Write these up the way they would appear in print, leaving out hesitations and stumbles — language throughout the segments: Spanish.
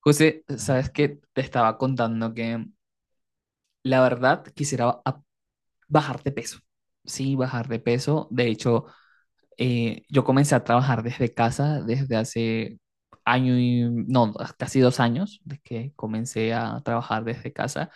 José, sabes que te estaba contando que la verdad quisiera bajar de peso. Sí, bajar de peso. De hecho, yo comencé a trabajar desde casa desde hace año y no, casi 2 años, de que comencé a trabajar desde casa.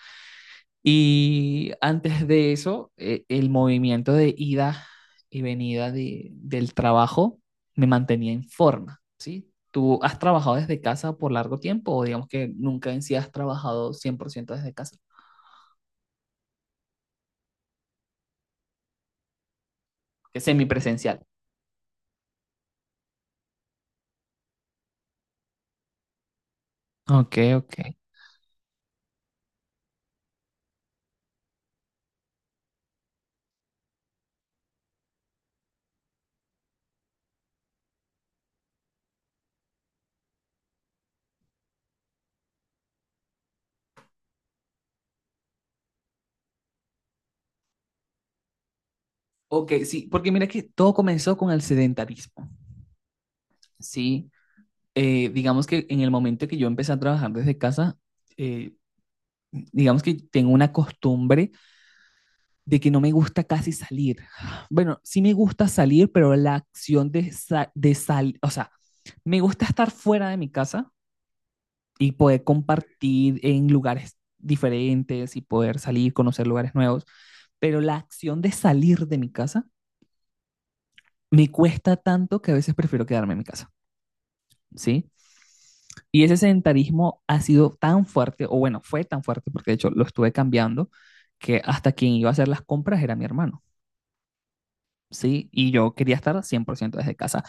Y antes de eso, el movimiento de ida y venida del trabajo me mantenía en forma, ¿sí? ¿Tú has trabajado desde casa por largo tiempo o digamos que nunca en sí has trabajado 100% desde casa? Que es semipresencial. Ok, ok. Ok, sí, porque mira que todo comenzó con el sedentarismo, ¿sí? Digamos que en el momento que yo empecé a trabajar desde casa, eh, digamos que tengo una costumbre de que no me gusta casi salir. Bueno, sí me gusta salir, pero la acción de, de salir, o sea, me gusta estar fuera de mi casa y poder compartir en lugares diferentes y poder salir, conocer lugares nuevos, pero la acción de salir de mi casa me cuesta tanto que a veces prefiero quedarme en mi casa, ¿sí? Y ese sedentarismo ha sido tan fuerte, o bueno, fue tan fuerte porque de hecho lo estuve cambiando, que hasta quien iba a hacer las compras era mi hermano. ¿Sí? Y yo quería estar 100% desde casa.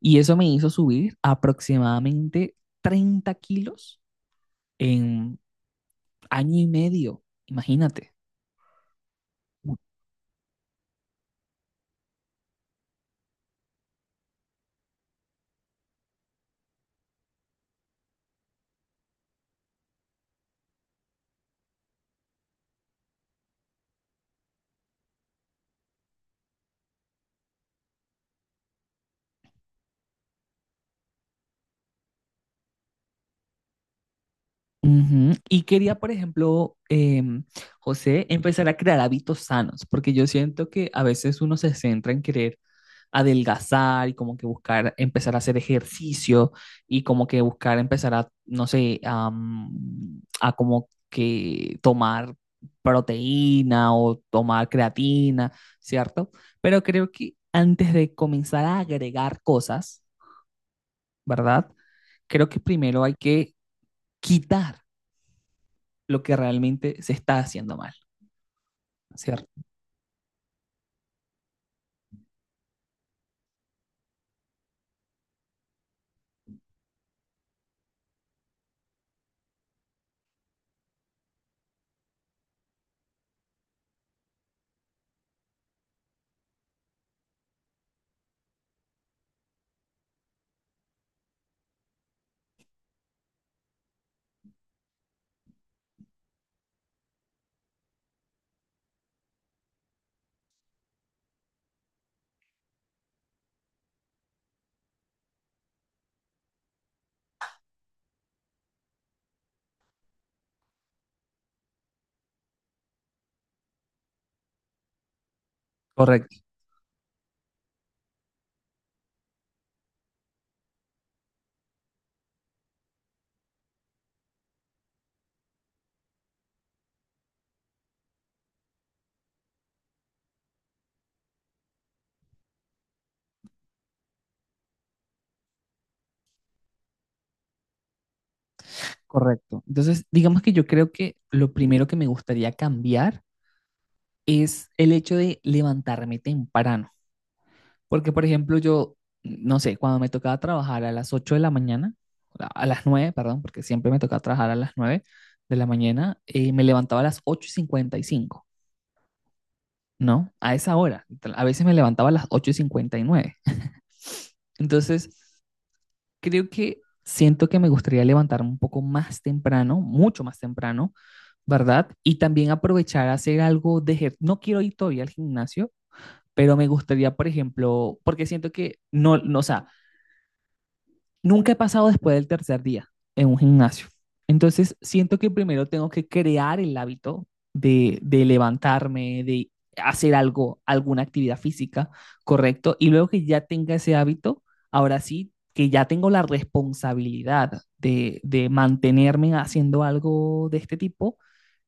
Y eso me hizo subir aproximadamente 30 kilos en año y medio, imagínate. Ujú. Y quería, por ejemplo, José, empezar a crear hábitos sanos, porque yo siento que a veces uno se centra en querer adelgazar y como que buscar empezar a hacer ejercicio y como que buscar empezar a, no sé, a como que tomar proteína o tomar creatina, ¿cierto? Pero creo que antes de comenzar a agregar cosas, ¿verdad? Creo que primero hay que quitar lo que realmente se está haciendo mal, ¿cierto? Correcto, correcto. Entonces, digamos que yo creo que lo primero que me gustaría cambiar es el hecho de levantarme temprano. Porque, por ejemplo, yo, no sé, cuando me tocaba trabajar a las 8 de la mañana, a las 9 perdón, porque siempre me tocaba trabajar a las 9 de la mañana, me levantaba a las 8:55, ¿no? A esa hora. A veces me levantaba a las 8:59. Entonces, creo que siento que me gustaría levantarme un poco más temprano, mucho más temprano, ¿verdad? Y también aprovechar a hacer algo de. No quiero ir todavía al gimnasio, pero me gustaría, por ejemplo, porque siento que no, no, o sea, nunca he pasado después del tercer día en un gimnasio. Entonces, siento que primero tengo que crear el hábito de levantarme, de hacer algo, alguna actividad física, correcto, y luego que ya tenga ese hábito, ahora sí, que ya tengo la responsabilidad de mantenerme haciendo algo de este tipo,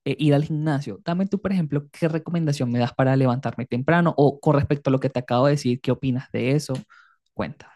ir al gimnasio. Dame tú, por ejemplo, qué recomendación me das para levantarme temprano o con respecto a lo que te acabo de decir, ¿qué opinas de eso? Cuenta.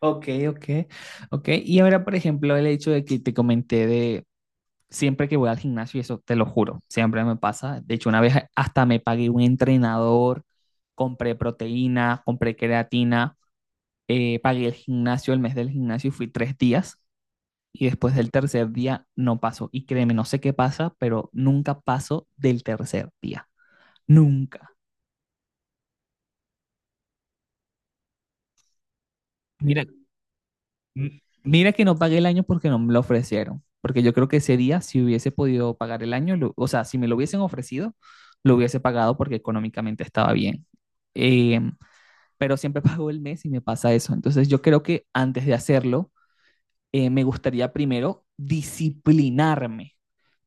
Ok, ok, ok. Y ahora, por ejemplo, el hecho de que te comenté de siempre que voy al gimnasio, y eso te lo juro, siempre me pasa. De hecho, una vez hasta me pagué un entrenador, compré proteína, compré creatina, pagué el gimnasio, el mes del gimnasio y fui 3 días y después del tercer día no paso. Y créeme, no sé qué pasa, pero nunca paso del tercer día. Nunca. Mira, mira que no pagué el año porque no me lo ofrecieron. Porque yo creo que ese día, si hubiese podido pagar el año, o sea, si me lo hubiesen ofrecido, lo hubiese pagado porque económicamente estaba bien. Em, pero siempre pago el mes y me pasa eso. Entonces yo creo que antes de hacerlo, me gustaría primero disciplinarme,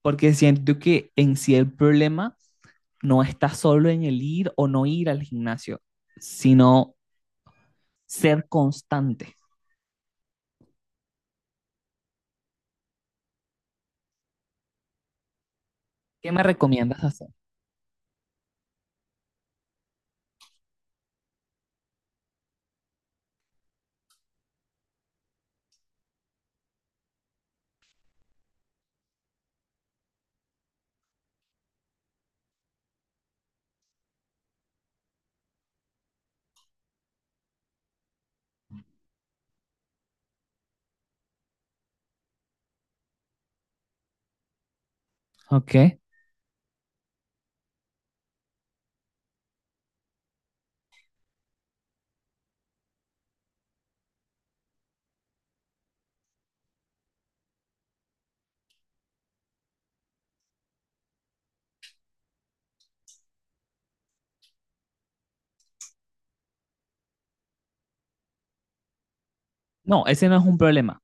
porque siento que en sí el problema no está solo en el ir o no ir al gimnasio, sino ser constante. ¿Qué me recomiendas hacer? Ok. No, ese no es un problema.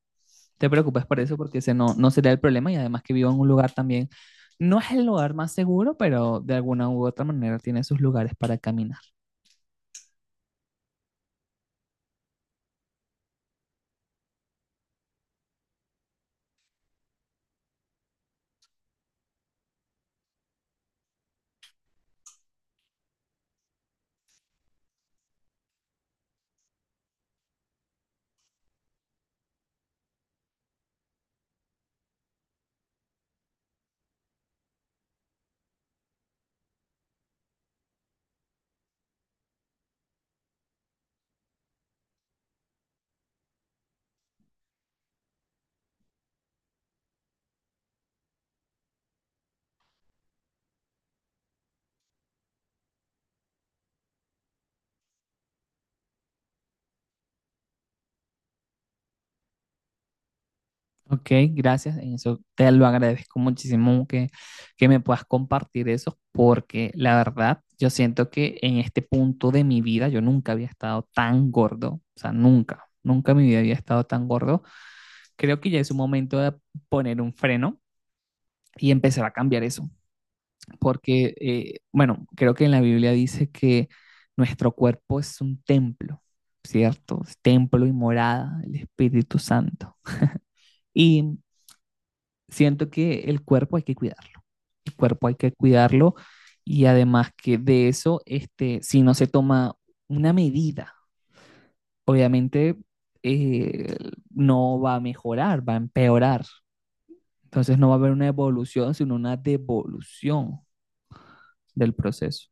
Te preocupes por eso porque ese no, no sería el problema y además que vivo en un lugar también, no es el lugar más seguro, pero de alguna u otra manera tiene sus lugares para caminar. Ok, gracias. En eso te lo agradezco muchísimo que me puedas compartir eso, porque la verdad, yo siento que en este punto de mi vida yo nunca había estado tan gordo, o sea, nunca, nunca en mi vida había estado tan gordo. Creo que ya es un momento de poner un freno y empezar a cambiar eso, porque, bueno, creo que en la Biblia dice que nuestro cuerpo es un templo, ¿cierto? Es templo y morada del Espíritu Santo. Y siento que el cuerpo hay que cuidarlo. El cuerpo hay que cuidarlo y además que de eso, este, si no se toma una medida, obviamente eh, no va a mejorar, va a empeorar. Entonces no va a haber una evolución, sino una devolución del proceso.